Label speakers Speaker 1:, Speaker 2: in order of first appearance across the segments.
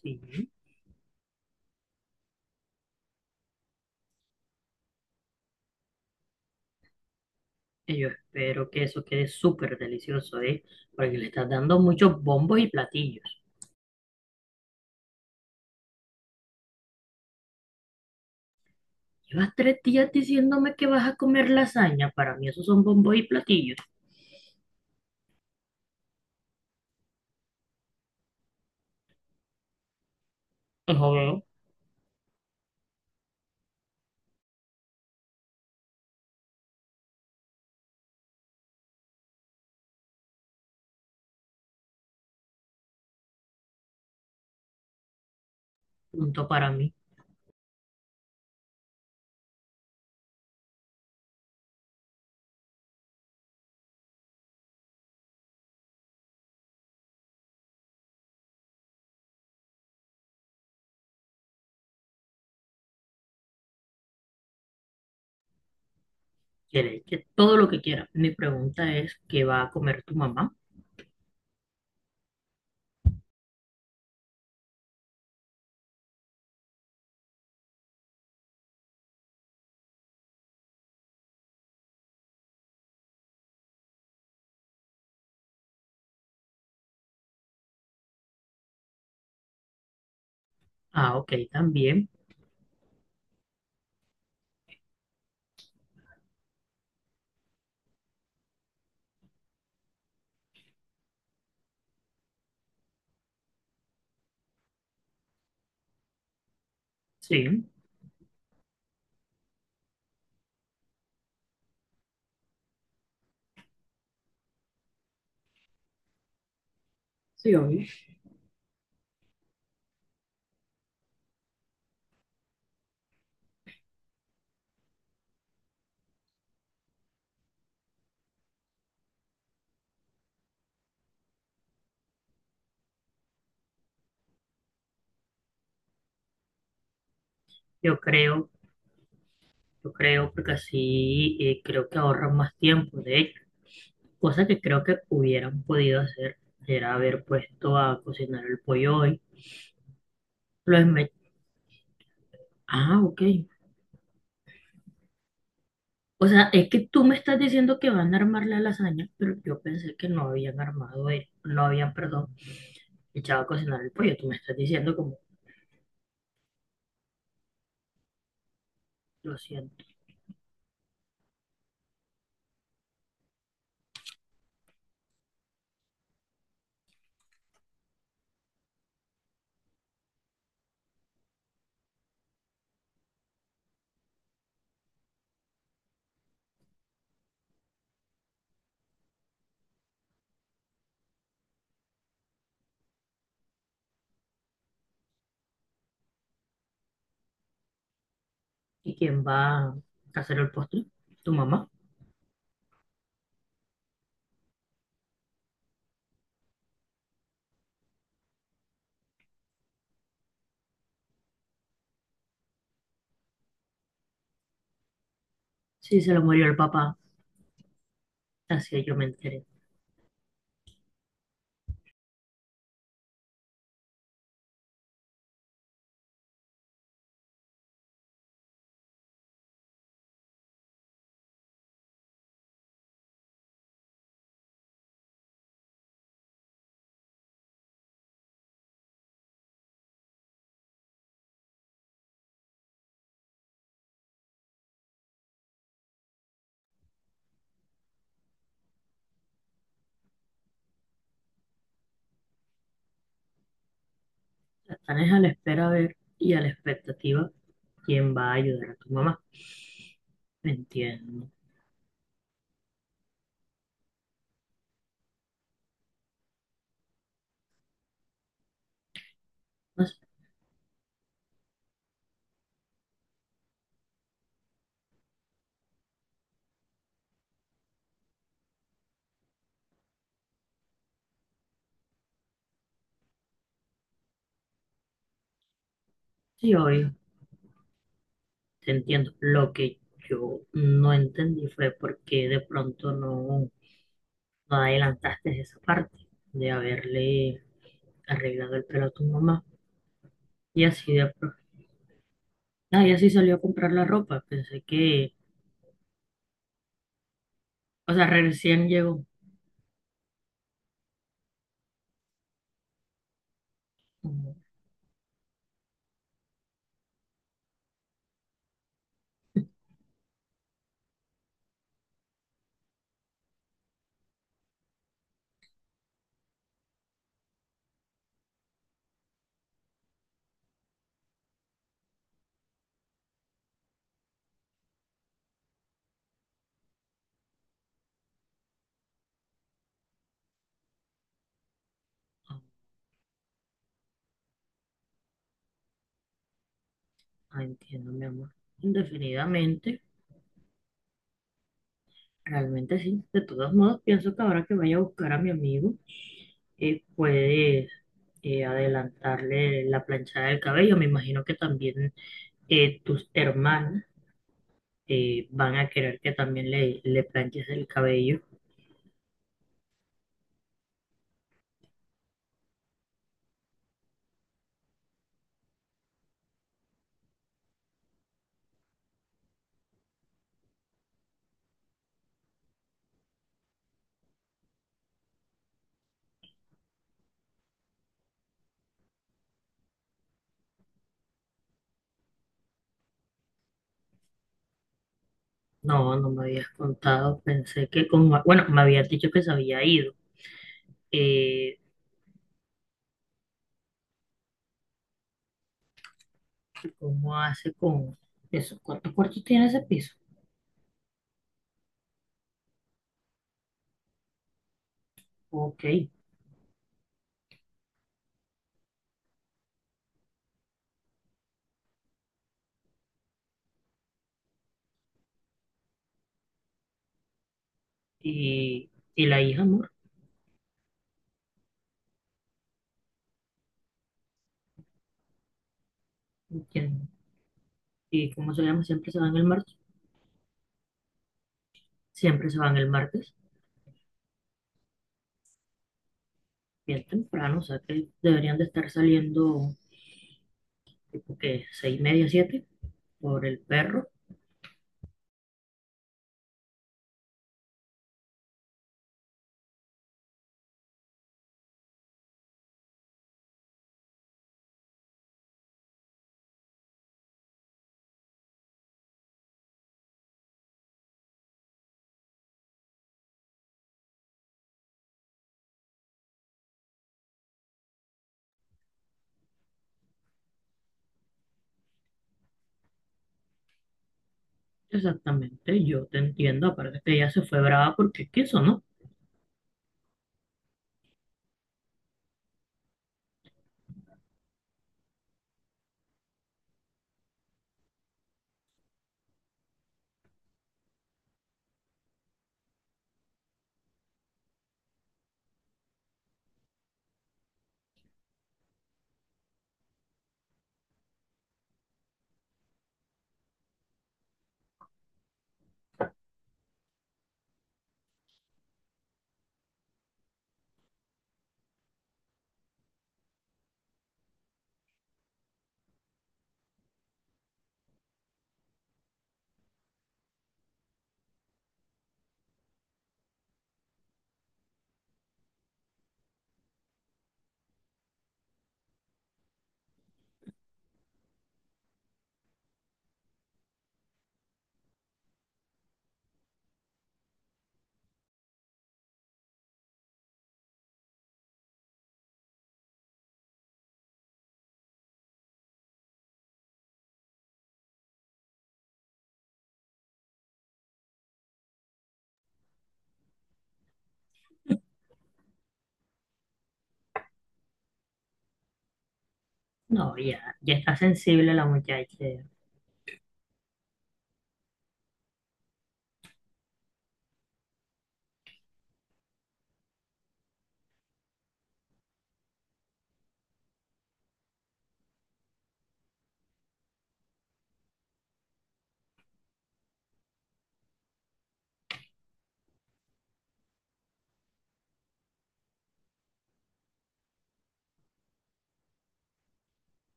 Speaker 1: Sí, y yo espero que eso quede súper delicioso, ¿eh? Porque le estás dando muchos bombos y platillos. Llevas 3 días diciéndome que vas a comer lasaña. Para mí esos son bombos y platillos. Ojo. Punto para mí. Quieres que todo lo que quieras. Mi pregunta es, ¿qué va a comer tu mamá? Ah, ok, también. Sí. Sí, obvio. yo creo, yo creo, porque así creo que ahorran más tiempo. De hecho, cosa que creo que hubieran podido hacer era haber puesto a cocinar el pollo hoy. Lo desmay- Ah, ok. O sea, es que tú me estás diciendo que van a armar la lasaña, pero yo pensé que no habían armado, no habían, perdón, echado a cocinar el pollo. Tú me estás diciendo como, lo siento. ¿Y quién va a hacer el postre? ¿Tu mamá? Sí, se lo murió el papá. Así yo me enteré. Están es a la espera a ver y a la expectativa quién va a ayudar a tu mamá. Me entiendo. No sé. Sí, obvio, te entiendo. Lo que yo no entendí fue por qué de pronto no. No adelantaste esa parte de haberle arreglado el pelo a tu mamá. Y así de... pro- Ah, y así salió a comprar la ropa. Pensé que... O sea, recién llegó. Como, Ah, ah, entiendo, mi amor. Indefinidamente. Realmente sí. De todos modos, pienso que ahora que vaya a buscar a mi amigo, puedes adelantarle la planchada del cabello. Me imagino que también tus hermanas van a querer que también le planches el cabello. No, no me habías contado. Pensé que como Bueno, me habías dicho que se había ido. Eh, ¿Cómo hace con eso? ¿Cuántos cuartos tiene ese piso? Ok. ¿Y la hija, amor? ¿Quién- ¿Y cómo se llama? ¿Siempre se van el martes? Siempre se van el martes. Bien temprano, o sea que deberían de estar saliendo, tipo que 6:30, siete, por el perro. Exactamente, yo te entiendo. Aparte que ella se fue brava porque es, ¿no? No, ya, ya está sensible la muchacha.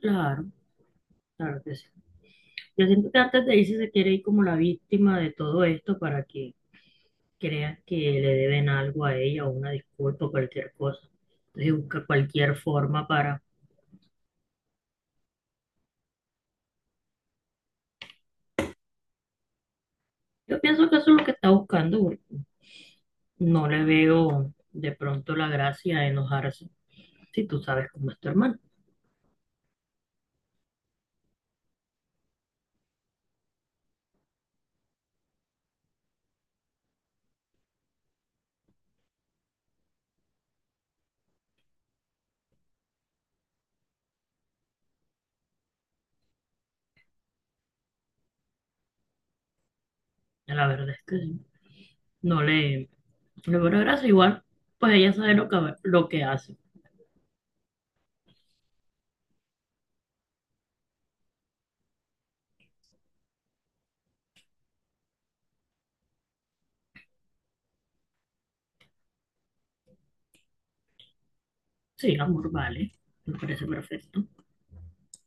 Speaker 1: Claro. Claro que sí. Yo siento que antes de irse se quiere ir como la víctima de todo esto para que crea que le deben algo a ella o una disculpa o cualquier cosa. Entonces busca cualquier forma para... Yo pienso que eso es lo que está buscando, porque no le veo de pronto la gracia de enojarse si tú sabes cómo es tu hermano. La verdad es que sí. No le, no le veo la gracia. Igual, pues ella sabe lo que hace. Sí, amor, vale. Me parece perfecto.